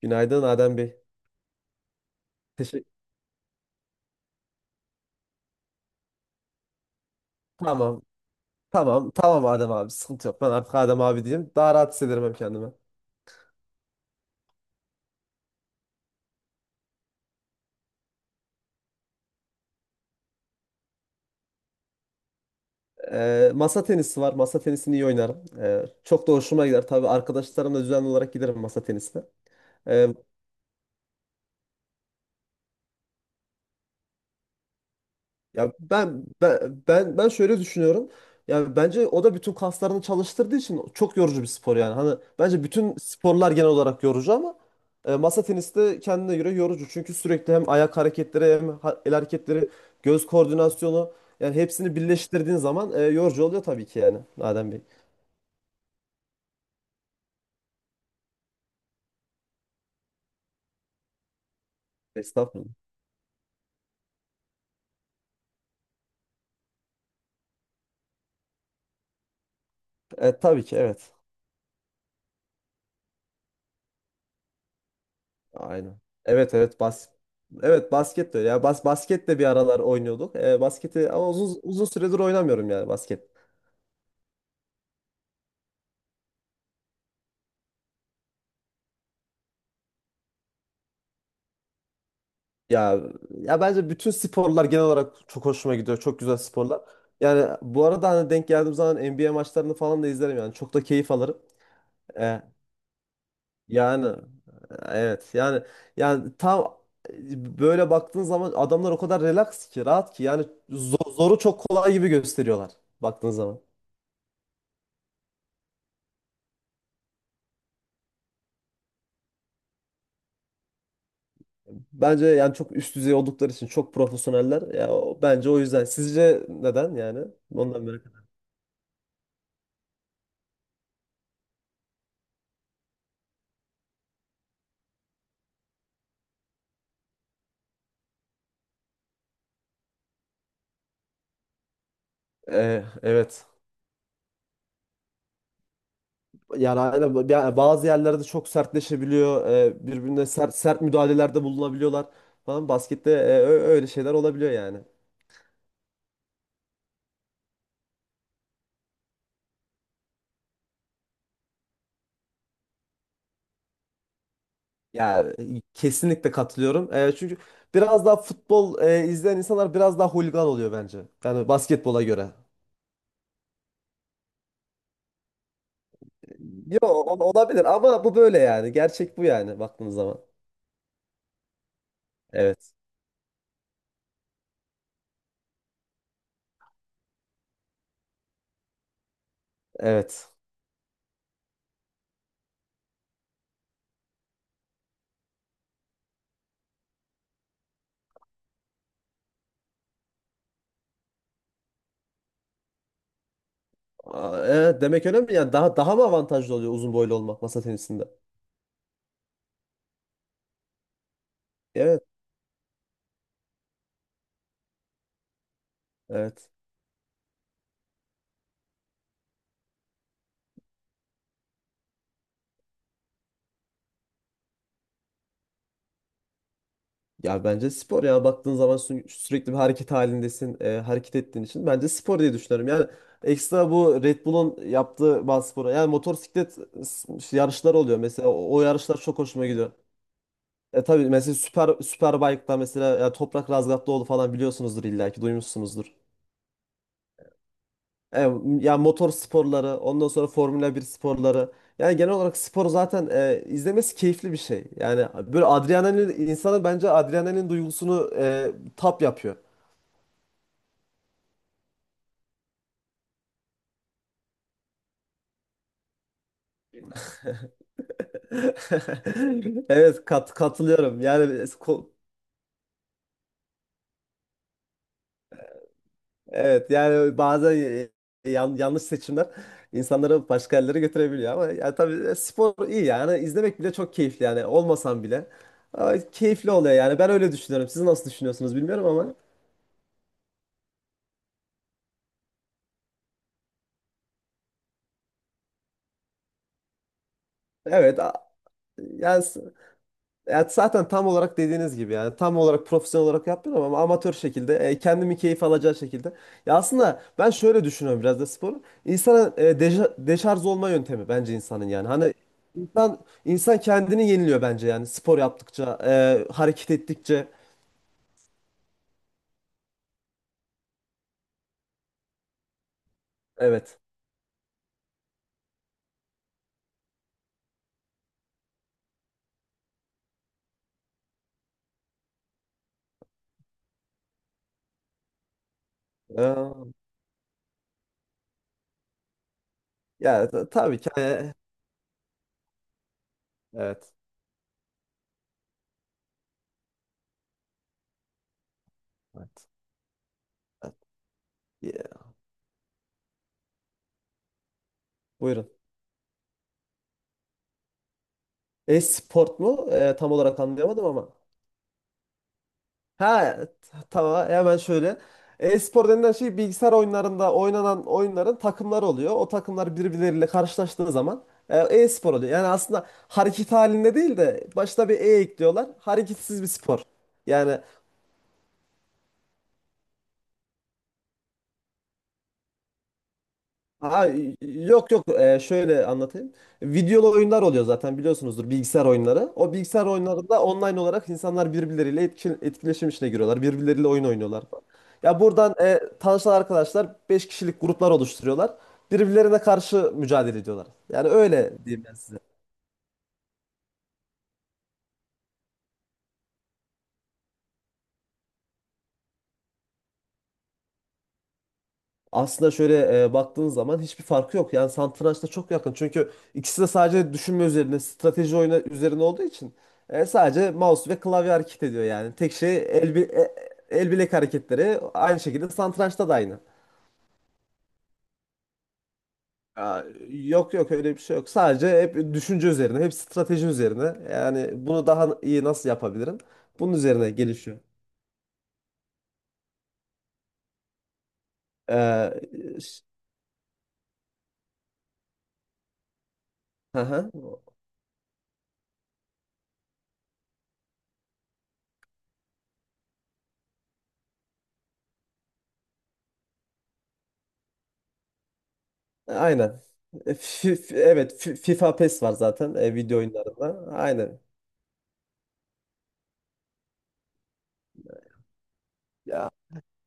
Günaydın Adem Bey. Teşekkür. Tamam. Tamam. Tamam Adem abi. Sıkıntı yok. Ben artık Adem abi diyeyim. Daha rahat hissederim hem kendimi. Masa tenisi var. Masa tenisini iyi oynarım. Çok da hoşuma gider. Tabii arkadaşlarımla düzenli olarak giderim masa tenisine. Ee, Ya ben şöyle düşünüyorum. Ya bence o da bütün kaslarını çalıştırdığı için çok yorucu bir spor yani. Hani bence bütün sporlar genel olarak yorucu ama masa tenisi de kendine göre yorucu. Çünkü sürekli hem ayak hareketleri hem el hareketleri, göz koordinasyonu yani hepsini birleştirdiğin zaman yorucu oluyor tabii ki yani. Adem Bey. Estağfurullah. Tabii ki evet. Aynen. Evet, evet, evet, basket de öyle. Ya basket de bir aralar oynuyorduk. Basketi ama uzun uzun süredir oynamıyorum yani basket. Ya ya bence bütün sporlar genel olarak çok hoşuma gidiyor. Çok güzel sporlar. Yani bu arada hani denk geldiğim zaman NBA maçlarını falan da izlerim yani. Çok da keyif alırım. E, yani, evet, yani tam böyle baktığın zaman adamlar o kadar relax ki rahat ki yani zoru çok kolay gibi gösteriyorlar baktığın zaman. Bence yani çok üst düzey oldukları için çok profesyoneller. Ya bence o yüzden. Sizce neden yani? Ondan merak ettim. Evet. Yani aynen yani bazı yerlerde çok sertleşebiliyor. Birbirine sert, sert müdahalelerde bulunabiliyorlar falan. Baskette öyle şeyler olabiliyor yani. Yani, kesinlikle katılıyorum. Çünkü biraz daha futbol izleyen insanlar biraz daha hooligan oluyor bence. Yani basketbola göre. Yo olabilir ama bu böyle yani. Gerçek bu yani baktığınız zaman. Evet. Evet. Demek önemli yani daha mı avantajlı oluyor uzun boylu olmak masa tenisinde? Evet. Evet. Ya bence spor ya baktığın zaman sürekli bir hareket halindesin, hareket ettiğin için bence spor diye düşünüyorum. Yani ekstra bu Red Bull'un yaptığı bazı spora yani motosiklet yarışları oluyor mesela o yarışlar çok hoşuma gidiyor. Tabii mesela süper Superbike'da mesela ya Toprak Razgatlıoğlu falan biliyorsunuzdur illa ki duymuşsunuzdur. E, ya motor sporları, ondan sonra Formula 1 sporları. Yani genel olarak spor zaten izlemesi keyifli bir şey. Yani böyle adrenalin insanı bence adrenalin duygusunu tap yapıyor. Evet katılıyorum. Yani, evet, yani bazen yanlış seçimler insanları başka yerlere götürebiliyor ama ya tabii spor iyi yani izlemek bile çok keyifli yani olmasam bile. Ama keyifli oluyor yani ben öyle düşünüyorum. Siz nasıl düşünüyorsunuz bilmiyorum ama evet yani. Ya zaten tam olarak dediğiniz gibi yani tam olarak profesyonel olarak yapmıyorum ama amatör şekilde kendimi keyif alacağı şekilde. Ya aslında ben şöyle düşünüyorum biraz da sporu. İnsana deşarj olma yöntemi bence insanın yani. Hani insan insan kendini yeniliyor bence yani spor yaptıkça, hareket ettikçe. Evet. Ee, ya tabii ki. Evet. Evet. Ya, buyurun. E-sport mu? Tam olarak anlayamadım ama. Ha tamam, hemen şöyle. E-spor denilen şey bilgisayar oyunlarında oynanan oyunların takımları oluyor. O takımlar birbirleriyle karşılaştığı zaman e-spor oluyor. Yani aslında hareket halinde değil de başta bir e ekliyorlar. Hareketsiz bir spor. Yani, Ha, yok, yok. Şöyle anlatayım. Videolu oyunlar oluyor zaten biliyorsunuzdur bilgisayar oyunları. O bilgisayar oyunlarında online olarak insanlar birbirleriyle etkileşim içine giriyorlar. Birbirleriyle oyun oynuyorlar falan. Ya buradan tanışan arkadaşlar 5 kişilik gruplar oluşturuyorlar. Birbirlerine karşı mücadele ediyorlar. Yani öyle diyeyim ben. Aslında şöyle baktığın zaman hiçbir farkı yok. Yani satrançla çok yakın. Çünkü ikisi de sadece düşünme üzerine, strateji oyunu üzerine olduğu için sadece mouse ve klavye hareket ediyor yani. Tek şey el bilek hareketleri aynı şekilde satrançta da aynı. Aa, Yok, yok, öyle bir şey yok. Sadece hep düşünce üzerine, hep strateji üzerine. Yani bunu daha iyi nasıl yapabilirim? Bunun üzerine gelişiyor. Ee, ş- hı hı. Aynen. Evet, FIFA PES var zaten video oyunlarında. Aynen. Ya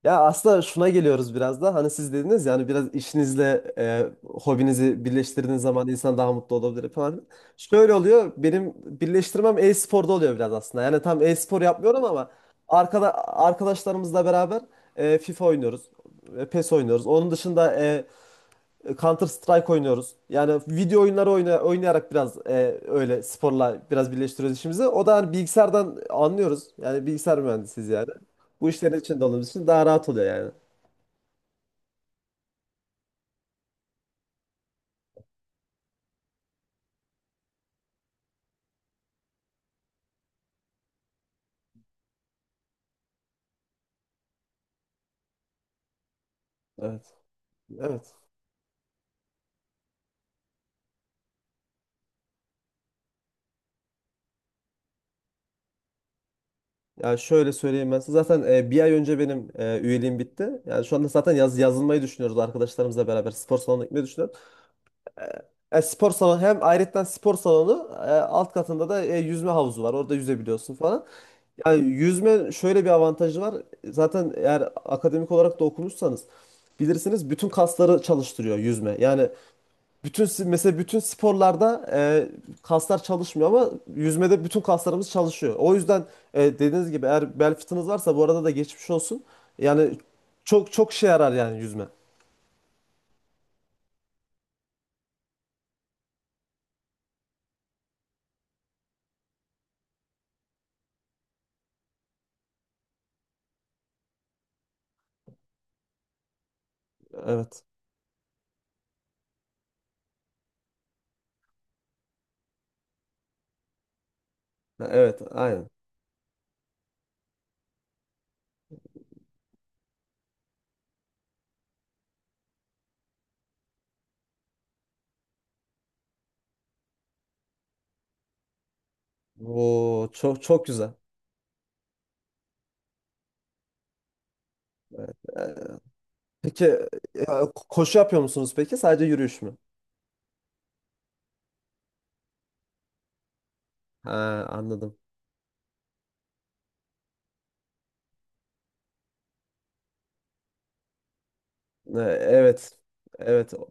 ya aslında şuna geliyoruz biraz da. Hani siz dediniz yani biraz işinizle hobinizi birleştirdiğiniz zaman insan daha mutlu olabilir falan. Şöyle oluyor. Benim birleştirmem e-sporda oluyor biraz aslında. Yani tam e-spor yapmıyorum ama arkadaşlarımızla beraber FIFA oynuyoruz. PES oynuyoruz. Onun dışında Counter Strike oynuyoruz. Yani video oyunları oynayarak biraz öyle sporla biraz birleştiriyoruz işimizi. O da hani bilgisayardan anlıyoruz. Yani bilgisayar mühendisiyiz yani. Bu işlerin içinde olduğumuz için daha rahat oluyor yani. Evet. Evet. Ya şöyle söyleyeyim ben size. Zaten bir ay önce benim üyeliğim bitti. Yani şu anda zaten yazılmayı düşünüyoruz arkadaşlarımızla beraber. Spor salonuna gitmeyi düşünüyoruz. Yani spor salonu hem ayrıca spor salonu alt katında da yüzme havuzu var. Orada yüzebiliyorsun falan. Yani yüzme şöyle bir avantajı var. Zaten eğer akademik olarak da okumuşsanız bilirsiniz bütün kasları çalıştırıyor yüzme. Yani bütün mesela bütün sporlarda kaslar çalışmıyor ama yüzmede bütün kaslarımız çalışıyor. O yüzden dediğiniz gibi eğer bel fıtığınız varsa bu arada da geçmiş olsun. Yani çok çok şey yarar yani yüzme. Evet. Evet, aynen. Oo, çok çok güzel. Evet. Peki e, koşu yapıyor musunuz peki? Sadece yürüyüş mü? Ha, anladım. Evet Evet.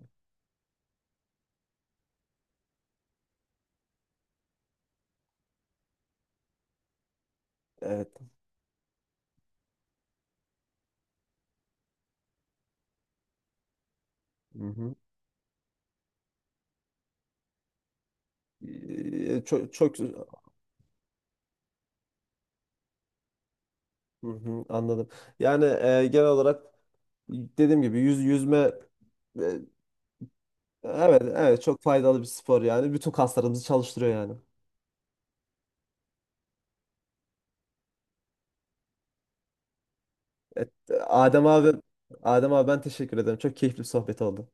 Evet. Hı hı. Çok çok Hı hı, anladım. Yani genel olarak dediğim gibi yüzme e, evet, evet, çok faydalı bir spor yani. Bütün kaslarımızı çalıştırıyor yani. Evet, Adem abi Adem abi ben teşekkür ederim. Çok keyifli bir sohbet oldu.